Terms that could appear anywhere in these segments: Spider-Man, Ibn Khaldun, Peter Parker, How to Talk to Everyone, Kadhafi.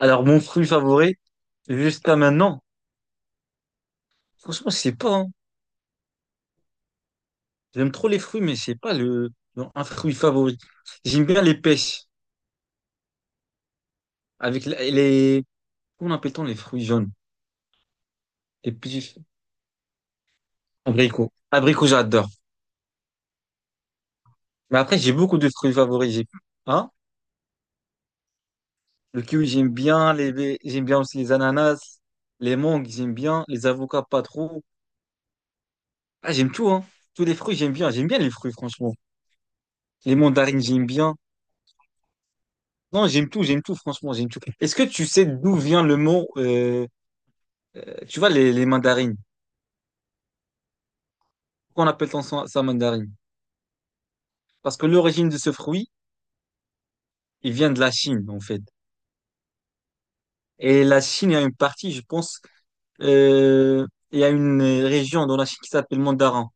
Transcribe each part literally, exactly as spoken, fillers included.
Alors, mon fruit favori, jusqu'à maintenant, franchement, c'est pas. Hein. J'aime trop les fruits, mais c'est pas le, non, un fruit favori. J'aime bien les pêches, avec la- les. Comment appelle-t-on les fruits jaunes? Les petits abricots. Abricots, j'adore. Mais après, j'ai beaucoup de fruits favoris. J'ai- Hein? Le kiwi, j'aime bien. Les... les- J'aime bien aussi les ananas. Les mangues, j'aime bien. Les avocats, pas trop. Ah, j'aime tout, hein. Tous les fruits, j'aime bien. J'aime bien les fruits, franchement. Les mandarines, j'aime bien. Non, j'aime tout, j'aime tout, franchement, j'aime tout. Est-ce que tu sais d'où vient le mot, euh, euh, tu vois, les, les mandarines? Pourquoi on appelle ça, ça mandarine? Parce que l'origine de ce fruit, il vient de la Chine, en fait. Et la Chine, il y a une partie, je pense, euh, il y a une euh, région dans la Chine qui s'appelle Mandarin.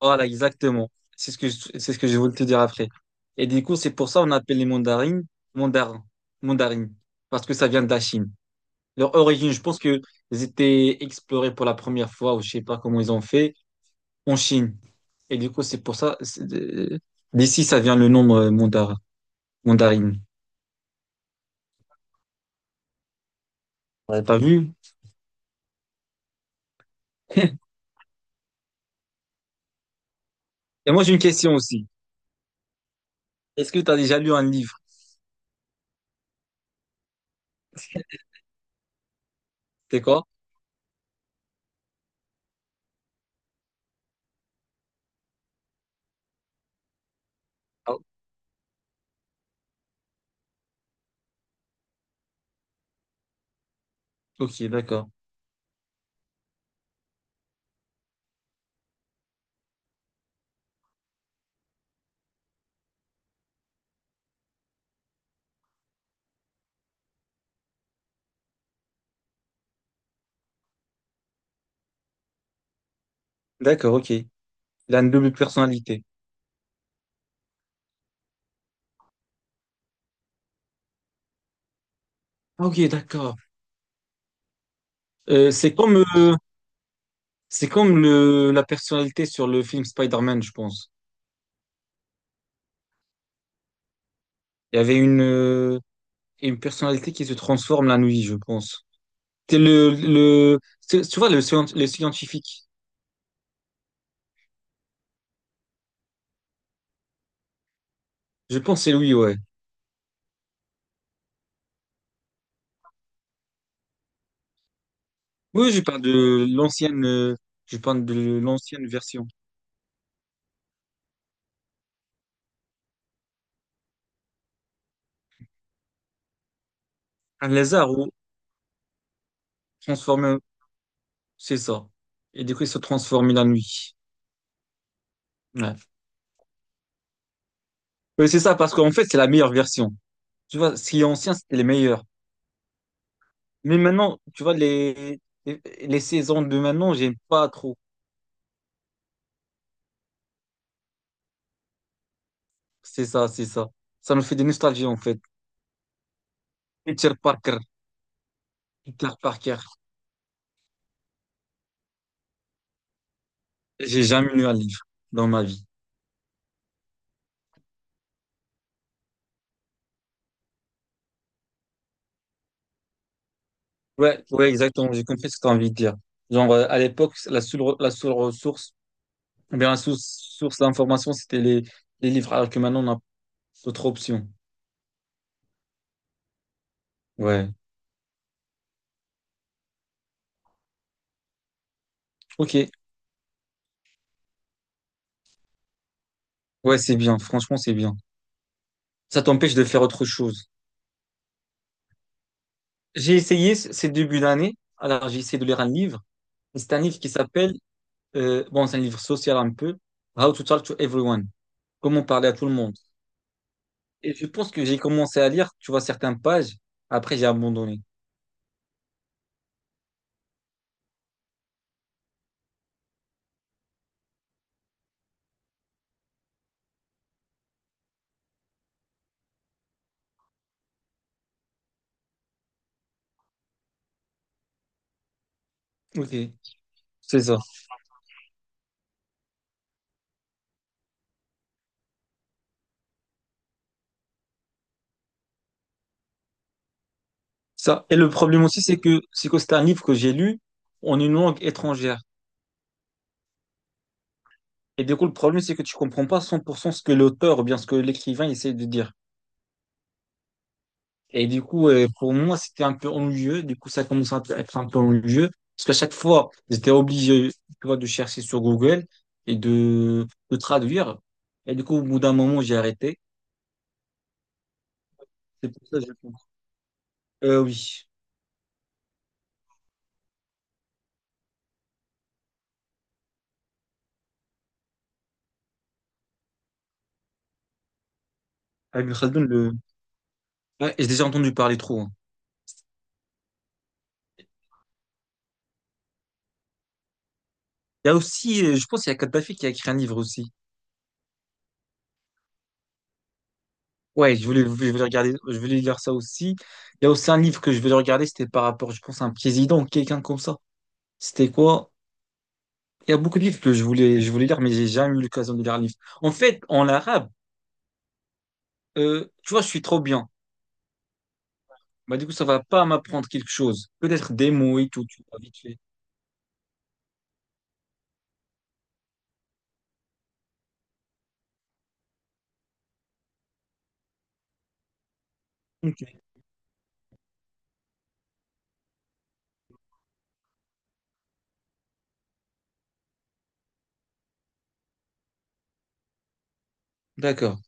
Voilà, exactement. C'est ce que je, c'est ce que je voulais te dire après. Et du coup, c'est pour ça qu'on appelle les mandarines mandarins, mandarines, parce que ça vient de la Chine. Leur origine, je pense que ils étaient explorés pour la première fois, ou je sais pas comment ils ont fait en Chine. Et du coup, c'est pour ça, c'est de- d'ici, ça vient le nom euh, mandar- mandarine. Ouais. T'as vu? Et moi, j'ai une question aussi. Est-ce que t'as déjà lu un livre? C'est quoi? Ah, ok, d'accord. D'accord, ok. Il a une double personnalité. Ah, ok, d'accord. Euh, c'est comme, euh, c'est comme le, la personnalité sur le film Spider-Man, je pense. Il y avait une, euh, une personnalité qui se transforme la nuit, je pense. C'est le, le, c'est- tu vois, le, scien- le scientifique. Je pense que c'est lui, ouais. Oui, je parle de l'ancienne, euh, je parle de l'ancienne version. Un lézard ou transformé, c'est ça. Et du coup, il se transforme la nuit. Ouais. Oui, c'est ça, parce qu'en fait, c'est la meilleure version. Tu vois, ce qui est ancien, c'était les meilleurs. Mais maintenant, tu vois, les, les, les saisons de maintenant, j'aime pas trop. C'est ça, c'est ça. Ça me fait des nostalgies, en fait. Peter Parker, Peter Parker. J'ai jamais lu un livre dans ma vie. Ouais, ouais, exactement. J'ai compris ce que tu as envie de dire. Genre, euh, à l'époque, la seule, re- la seule ressource, ou bien la source, source d'information, c'était les, les livres, alors que maintenant, on a d'autres options. Ouais. Ok. Ouais, c'est bien. Franchement, c'est bien. Ça t'empêche de faire autre chose. J'ai essayé c- ces débuts d'année. Alors, j'ai essayé de lire un livre. C'est un livre qui s'appelle, euh, bon, c'est un livre social un peu, How to Talk to Everyone. Comment parler à tout le monde. Et je pense que j'ai commencé à lire, tu vois, certaines pages. Après, j'ai abandonné. Ok. C'est ça. Ça. Et le problème aussi, c'est que, c'est que c'est un livre que j'ai lu en une langue étrangère. Et du coup, le problème, c'est que tu comprends pas cent pour cent ce que l'auteur ou bien ce que l'écrivain essaie de dire. Et du coup, euh, pour moi, c'était un peu ennuyeux. Du coup, ça commence à être un peu ennuyeux. Parce qu'à chaque fois, j'étais obligé, tu vois, de chercher sur Google et de, de traduire. Et du coup, au bout d'un moment, j'ai arrêté. C'est pour ça que je pense. Euh, oui. Ibn Khaldun, le... ouais, j'ai déjà entendu parler trop, hein. Il y a aussi, euh, je pense, il y a Kadhafi qui a écrit un livre aussi. Ouais, je voulais, je voulais regarder, je voulais lire ça aussi. Il y a aussi un livre que je voulais regarder, c'était par rapport, je pense, à un président, quelqu'un comme ça. C'était quoi? Il y a beaucoup de livres que je voulais, je voulais lire, mais j'ai jamais eu l'occasion de lire un livre. En fait, en arabe, euh, tu vois, je suis trop bien. Bah, du coup, ça va pas m'apprendre quelque chose. Peut-être des mots et tout, tu vois, vite fait. Ok. D'accord.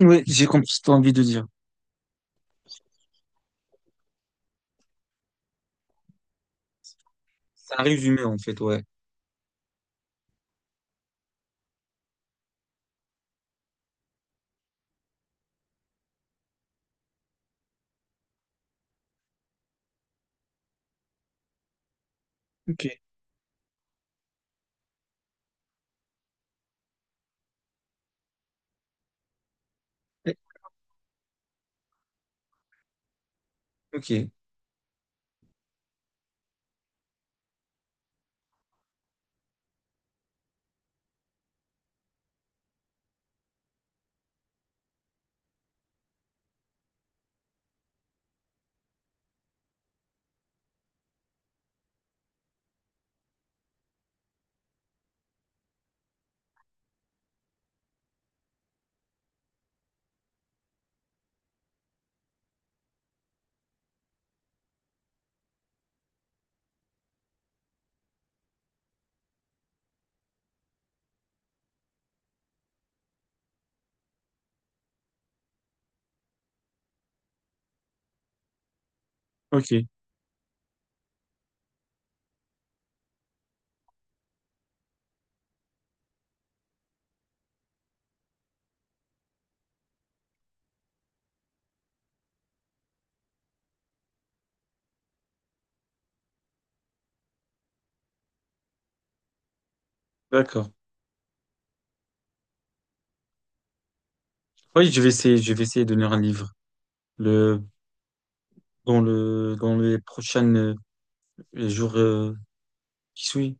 Ouais, j'ai compris ce que t'as envie de dire. C'est un résumé, en fait, ouais. Ok. Ok. Ok. D'accord. Oui, je vais essayer, je vais essayer de lire un livre. Le, dans le, dans les prochaines, le jour euh, qui suit.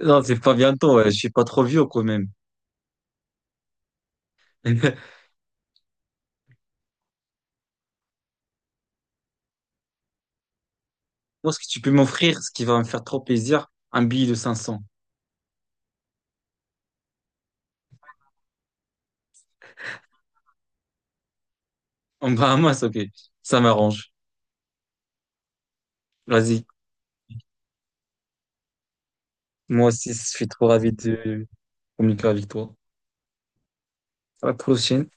Non, c'est pas bientôt, ouais. Je suis pas trop vieux quand même. Moi, ce que tu peux m'offrir, ce qui va me faire trop plaisir, un billet de cinq cents. En Bahamas, ok. Ça m'arrange. Vas-y. Moi aussi, je suis trop ravi de communiquer avec toi. À la prochaine.